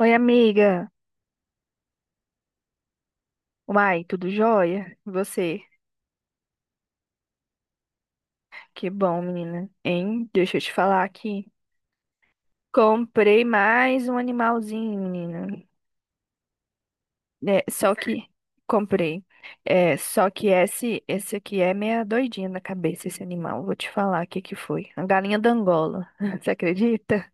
Oi, amiga. Uai, tudo jóia? E você? Que bom, menina. Hein? Deixa eu te falar aqui. Comprei mais um animalzinho, menina. É, só que comprei. É, só que esse aqui é meia doidinha na cabeça, esse animal. Vou te falar o que que foi. A galinha da Angola. Você acredita?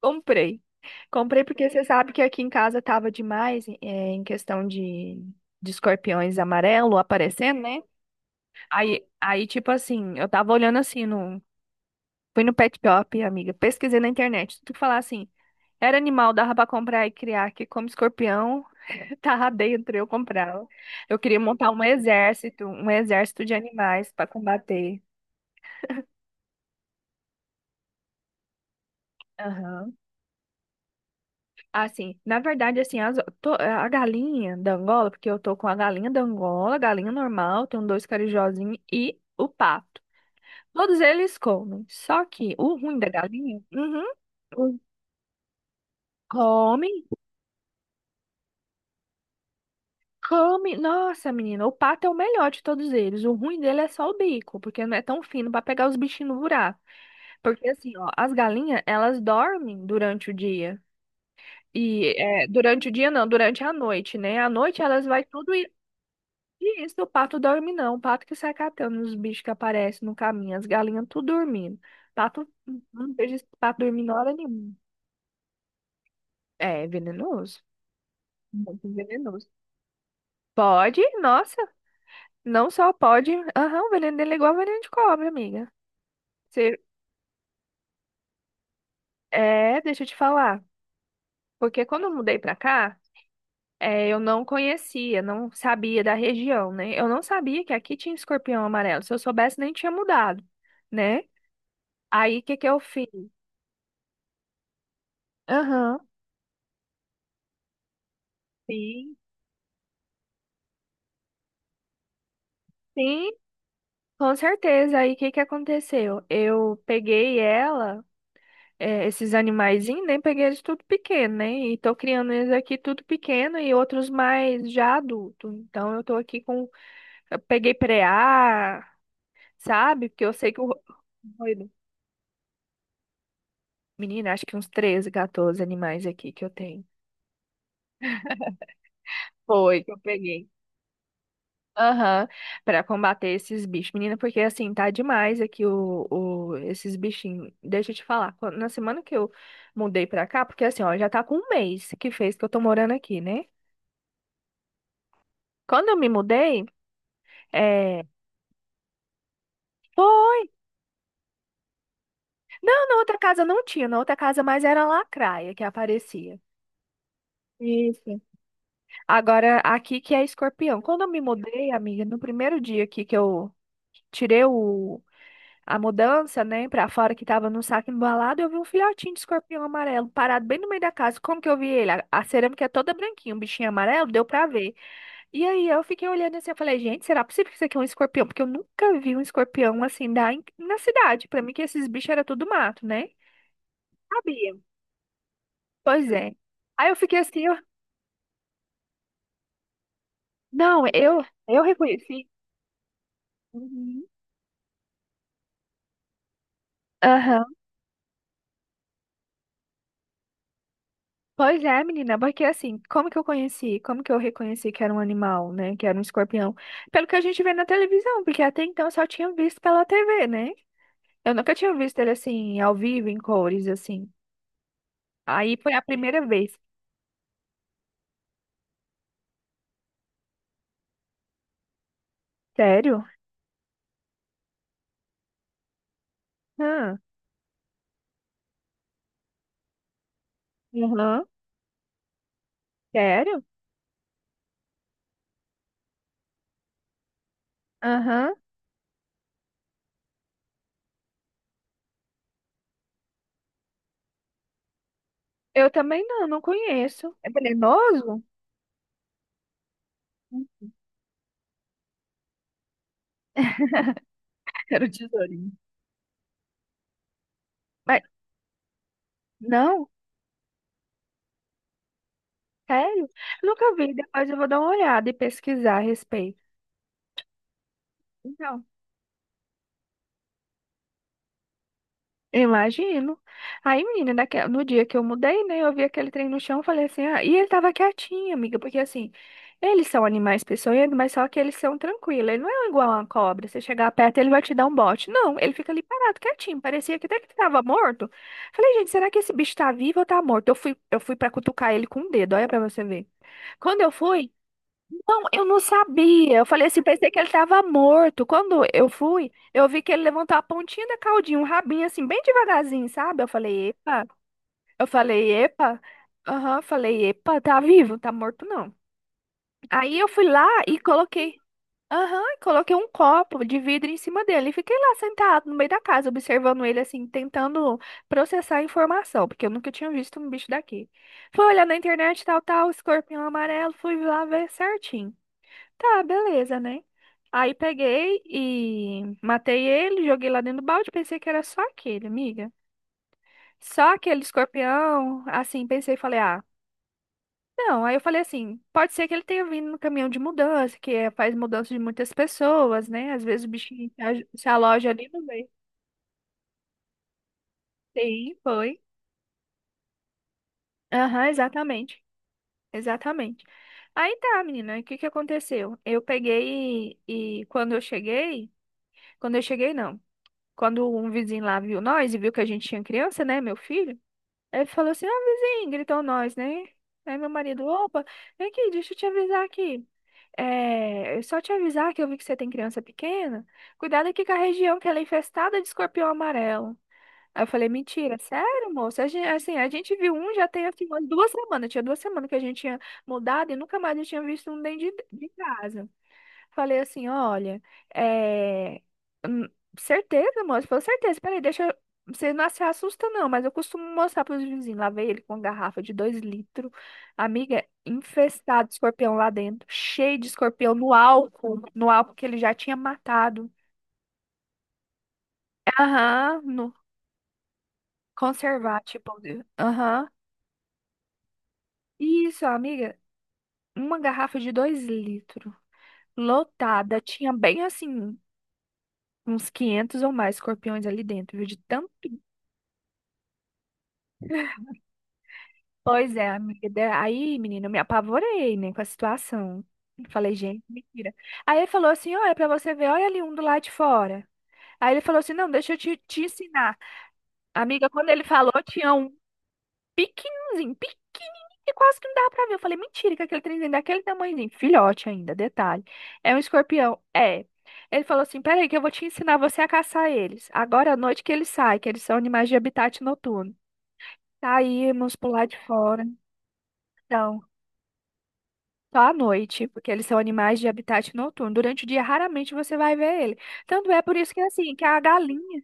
Comprei. Comprei porque você sabe que aqui em casa tava demais, é, em questão de escorpiões amarelo aparecendo, né? Aí, tipo assim, eu tava olhando assim no. Fui no Pet Shop, amiga. Pesquisei na internet. Tudo que falar assim. Era animal, dava pra comprar e criar, que como escorpião, tava dentro, eu comprava. Eu queria montar um exército de animais pra combater. Aham. Assim, na verdade, assim, a galinha da Angola, porque eu tô com a galinha da Angola, a galinha normal, tenho dois carijozinhos e o pato. Todos eles comem. Só que o ruim da galinha, uhum, o- come. Come, nossa, menina, o pato é o melhor de todos eles. O ruim dele é só o bico, porque não é tão fino para pegar os bichinhos no buraco. Porque assim, ó, as galinhas, elas dormem durante o dia. E é, durante o dia não, durante a noite, né? À noite elas vai tudo e isso, o pato dorme não. O pato que sai catando os bichos que aparecem no caminho, as galinhas tudo dormindo. Pato, não vejo esse pato dormindo hora nenhuma. É venenoso, muito venenoso. Pode, nossa. Não só pode. Aham, o veneno dele é igual veneno de cobra, amiga. Você- É, deixa eu te falar. Porque quando eu mudei pra cá, é, eu não conhecia, não sabia da região, né? Eu não sabia que aqui tinha escorpião amarelo. Se eu soubesse, nem tinha mudado, né? Aí, o que que eu fiz? Aham. Sim, sim, com certeza. Aí, o que que aconteceu? Eu peguei ela. É, esses animaizinhos, né? Peguei eles tudo pequeno, né? E tô criando eles aqui tudo pequeno e outros mais já adulto. Então eu tô aqui com. Eu peguei preá, sabe? Porque eu sei que o. ro- Doido. Menina, acho que uns 13 14 animais aqui que eu tenho. Foi, que eu peguei. Aham. Pra combater esses bichos. Menina, porque assim, tá demais aqui esses bichinhos. Deixa eu te falar, na semana que eu mudei pra cá, porque assim, ó, já tá com um mês que fez que eu tô morando aqui, né? Quando eu me mudei. É, foi. Não, na outra casa não tinha, na outra casa mais era lacraia que aparecia. Isso. Agora, aqui que é escorpião. Quando eu me mudei, amiga, no primeiro dia aqui que eu tirei a mudança, né, pra fora que tava no saco embalado, eu vi um filhotinho de escorpião amarelo parado bem no meio da casa. Como que eu vi ele? A cerâmica é toda branquinha, um bichinho amarelo, deu pra ver. E aí eu fiquei olhando assim, eu falei, gente, será possível que isso aqui é um escorpião? Porque eu nunca vi um escorpião assim na cidade. Pra mim que esses bichos era tudo mato, né? Sabia. Pois é. Aí eu fiquei assim, eu... Não, eu reconheci. Uhum. Aham. Pois é, menina, porque assim, como que eu conheci? Como que eu reconheci que era um animal, né? Que era um escorpião? Pelo que a gente vê na televisão, porque até então eu só tinha visto pela TV, né? Eu nunca tinha visto ele assim, ao vivo, em cores, assim. Aí foi a primeira vez. Sério? Hã? Aham. Sério? Aham. Eu também não, não conheço. É venenoso? Era o tesourinho. Mas, não? Sério? Eu nunca vi. Depois eu vou dar uma olhada e pesquisar a respeito. Então, imagino. Aí, menina, daquela, no dia que eu mudei, né? Eu vi aquele trem no chão, falei assim, ah, e ele tava quietinho, amiga, porque assim, eles são animais peçonhentos, mas só que eles são tranquilos. Ele não é igual a uma cobra. Você chegar perto, ele vai te dar um bote. Não, ele fica ali parado, quietinho. Parecia que até que tava morto. Falei, gente, será que esse bicho tá vivo ou tá morto? Eu fui para cutucar ele com o dedo, olha pra você ver. Quando eu fui. Não, eu não sabia. Eu falei assim, pensei que ele estava morto. Quando eu fui, eu vi que ele levantou a pontinha da caudinha, um rabinho assim, bem devagarzinho, sabe? Eu falei, epa. Eu falei, epa. Aham, eu falei, epa, tá vivo, tá morto não. Aí eu fui lá e coloquei, aham, e coloquei um copo de vidro em cima dele. E fiquei lá sentado no meio da casa, observando ele assim, tentando processar a informação, porque eu nunca tinha visto um bicho daqui. Fui olhar na internet, tal, tal, escorpião amarelo, fui lá ver certinho. Tá, beleza, né? Aí peguei e matei ele, joguei lá dentro do balde, pensei que era só aquele, amiga. Só aquele escorpião, assim, pensei e falei, ah, não. Aí eu falei assim, pode ser que ele tenha vindo no caminhão de mudança, que faz mudança de muitas pessoas, né? Às vezes o bichinho se aloja ali no meio. Sim, foi. Aham, exatamente. Exatamente. Aí tá, menina, o que que aconteceu? Eu peguei e quando eu cheguei, não. Quando um vizinho lá viu nós e viu que a gente tinha criança, né, meu filho, ele falou assim: ó, vizinho, gritou nós, né? Aí meu marido, opa, vem aqui, deixa eu te avisar aqui. É, eu só te avisar que eu vi que você tem criança pequena. Cuidado aqui com a região que ela é infestada de escorpião amarelo. Aí eu falei, mentira, sério, moço? A gente, assim, a gente viu um já tem assim, umas 2 semanas. Tinha duas semanas que a gente tinha mudado e nunca mais eu tinha visto um dentro de casa. Falei assim, olha, é... hum, certeza, moço, falou certeza, peraí, deixa, você não se assusta não, mas eu costumo mostrar para os vizinhos, lá veio ele com uma garrafa de 2 litros, amiga, infestado de escorpião lá dentro, cheio de escorpião no álcool, no álcool que ele já tinha matado, aham, no conservar, tipo, aham, isso, amiga, uma garrafa de dois litros, lotada, tinha bem assim, uns 500 ou mais escorpiões ali dentro, viu, de tanto. Pois é, amiga. Aí, menina, eu me apavorei, né, com a situação. Falei, gente, mentira. Aí ele falou assim: olha, pra você ver, olha ali um do lado de fora. Aí ele falou assim: não, deixa eu te ensinar. Amiga, quando ele falou, tinha um pequenininho, pequenininho, que quase que não dava pra ver. Eu falei, mentira, que aquele trenzinho daquele tamanhozinho, filhote ainda, detalhe. É um escorpião. É. Ele falou assim: peraí, que eu vou te ensinar você a caçar eles. Agora à noite que eles saem, que eles são animais de habitat noturno. Saímos pro lado de fora. Então. Só à noite, porque eles são animais de habitat noturno. Durante o dia, raramente você vai ver ele. Tanto é por isso que, assim, que a galinha...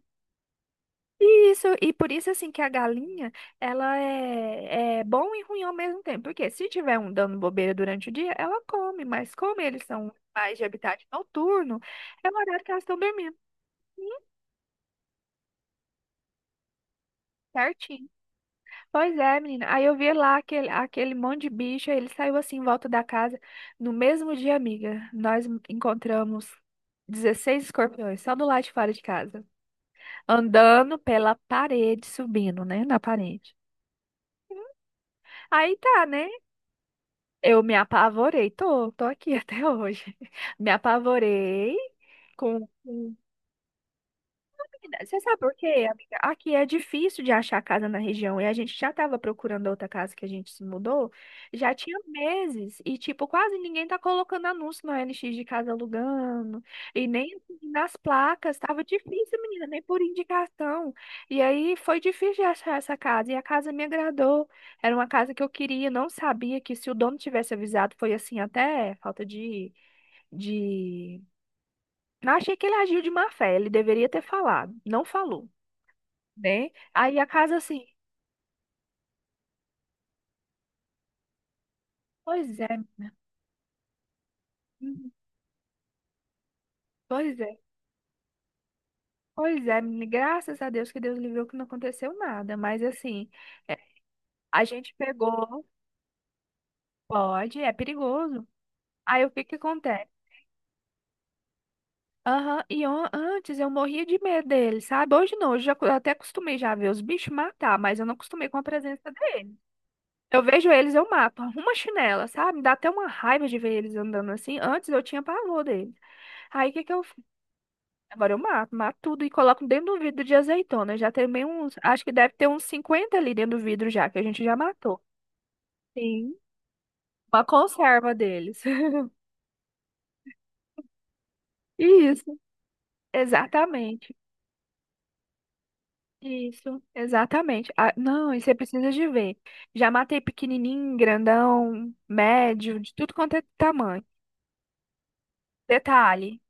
Isso, e por isso, assim, que a galinha, ela é bom e ruim ao mesmo tempo. Porque se tiver um dando bobeira durante o dia, ela come. Mas como eles são animais de habitat noturno, é o horário que elas estão dormindo, certinho. Pois é, menina. Aí eu vi lá aquele monte de bicho, aí ele saiu assim em volta da casa. No mesmo dia, amiga, nós encontramos 16 escorpiões, só do lado de fora de casa. Andando pela parede, subindo, né? Na parede. Aí tá, né? Eu me apavorei. Tô aqui até hoje. Me apavorei com. Você sabe por quê, amiga? Aqui é difícil de achar casa na região e a gente já estava procurando outra casa que a gente se mudou, já tinha meses e, tipo, quase ninguém tá colocando anúncio no OLX de casa alugando e nem assim, nas placas, tava difícil, menina, nem por indicação. E aí foi difícil de achar essa casa e a casa me agradou. Era uma casa que eu queria, não sabia que se o dono tivesse avisado, foi assim, até falta de... Não, achei que ele agiu de má fé, ele deveria ter falado, não falou, né? Aí a casa assim, pois é, uhum, pois é, pois é, menina, graças a Deus que Deus livrou que não aconteceu nada, mas assim, é, a gente pegou, pode, é perigoso. Aí o que que acontece? Aham, e antes eu morria de medo dele, sabe? Hoje não, hoje já, eu até acostumei já a ver os bichos matar, mas eu não acostumei com a presença dele. Eu vejo eles, eu mato, arrumo a chinela, sabe? Me dá até uma raiva de ver eles andando assim. Antes eu tinha pavor dele. Aí o que que eu. Agora eu mato, mato tudo e coloco dentro do vidro de azeitona. Eu já tem meio uns, acho que deve ter uns 50 ali dentro do vidro já, que a gente já matou. Sim. Uma conserva deles. Isso, exatamente. Isso, exatamente. Ah, não, e você precisa de ver. Já matei pequenininho, grandão, médio, de tudo quanto é tamanho. Detalhe.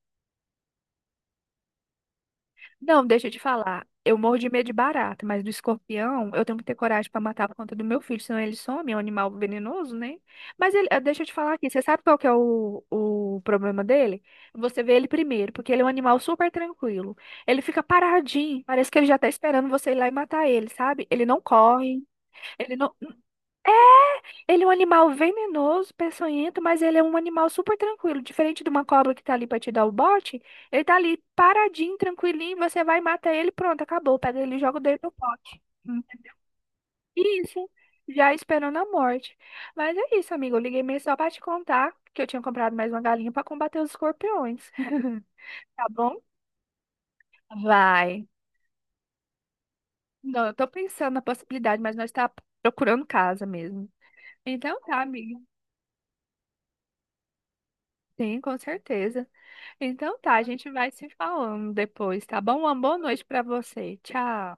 Não, deixa eu te falar. Eu morro de medo de barata, mas do escorpião eu tenho que ter coragem para matar por conta do meu filho, senão ele some, é um animal venenoso, né? Mas ele, deixa eu te falar aqui, você sabe qual que é o problema dele? Você vê ele primeiro, porque ele é um animal super tranquilo. Ele fica paradinho, parece que ele já tá esperando você ir lá e matar ele, sabe? Ele não corre, ele não, ele é um animal venenoso, peçonhento, mas ele é um animal super tranquilo. Diferente de uma cobra que tá ali pra te dar o bote, ele tá ali paradinho, tranquilinho, você vai e mata ele, pronto, acabou. Pega ele e joga dentro do pote. Hum. Isso, já esperando a morte. Mas é isso, amigo. Eu liguei mesmo só pra te contar que eu tinha comprado mais uma galinha pra combater os escorpiões. Tá bom? Vai. Não, eu tô pensando na possibilidade, mas nós tá procurando casa mesmo. Então tá, amiga. Sim, com certeza. Então tá, a gente vai se falando depois, tá bom? Uma boa noite pra você. Tchau.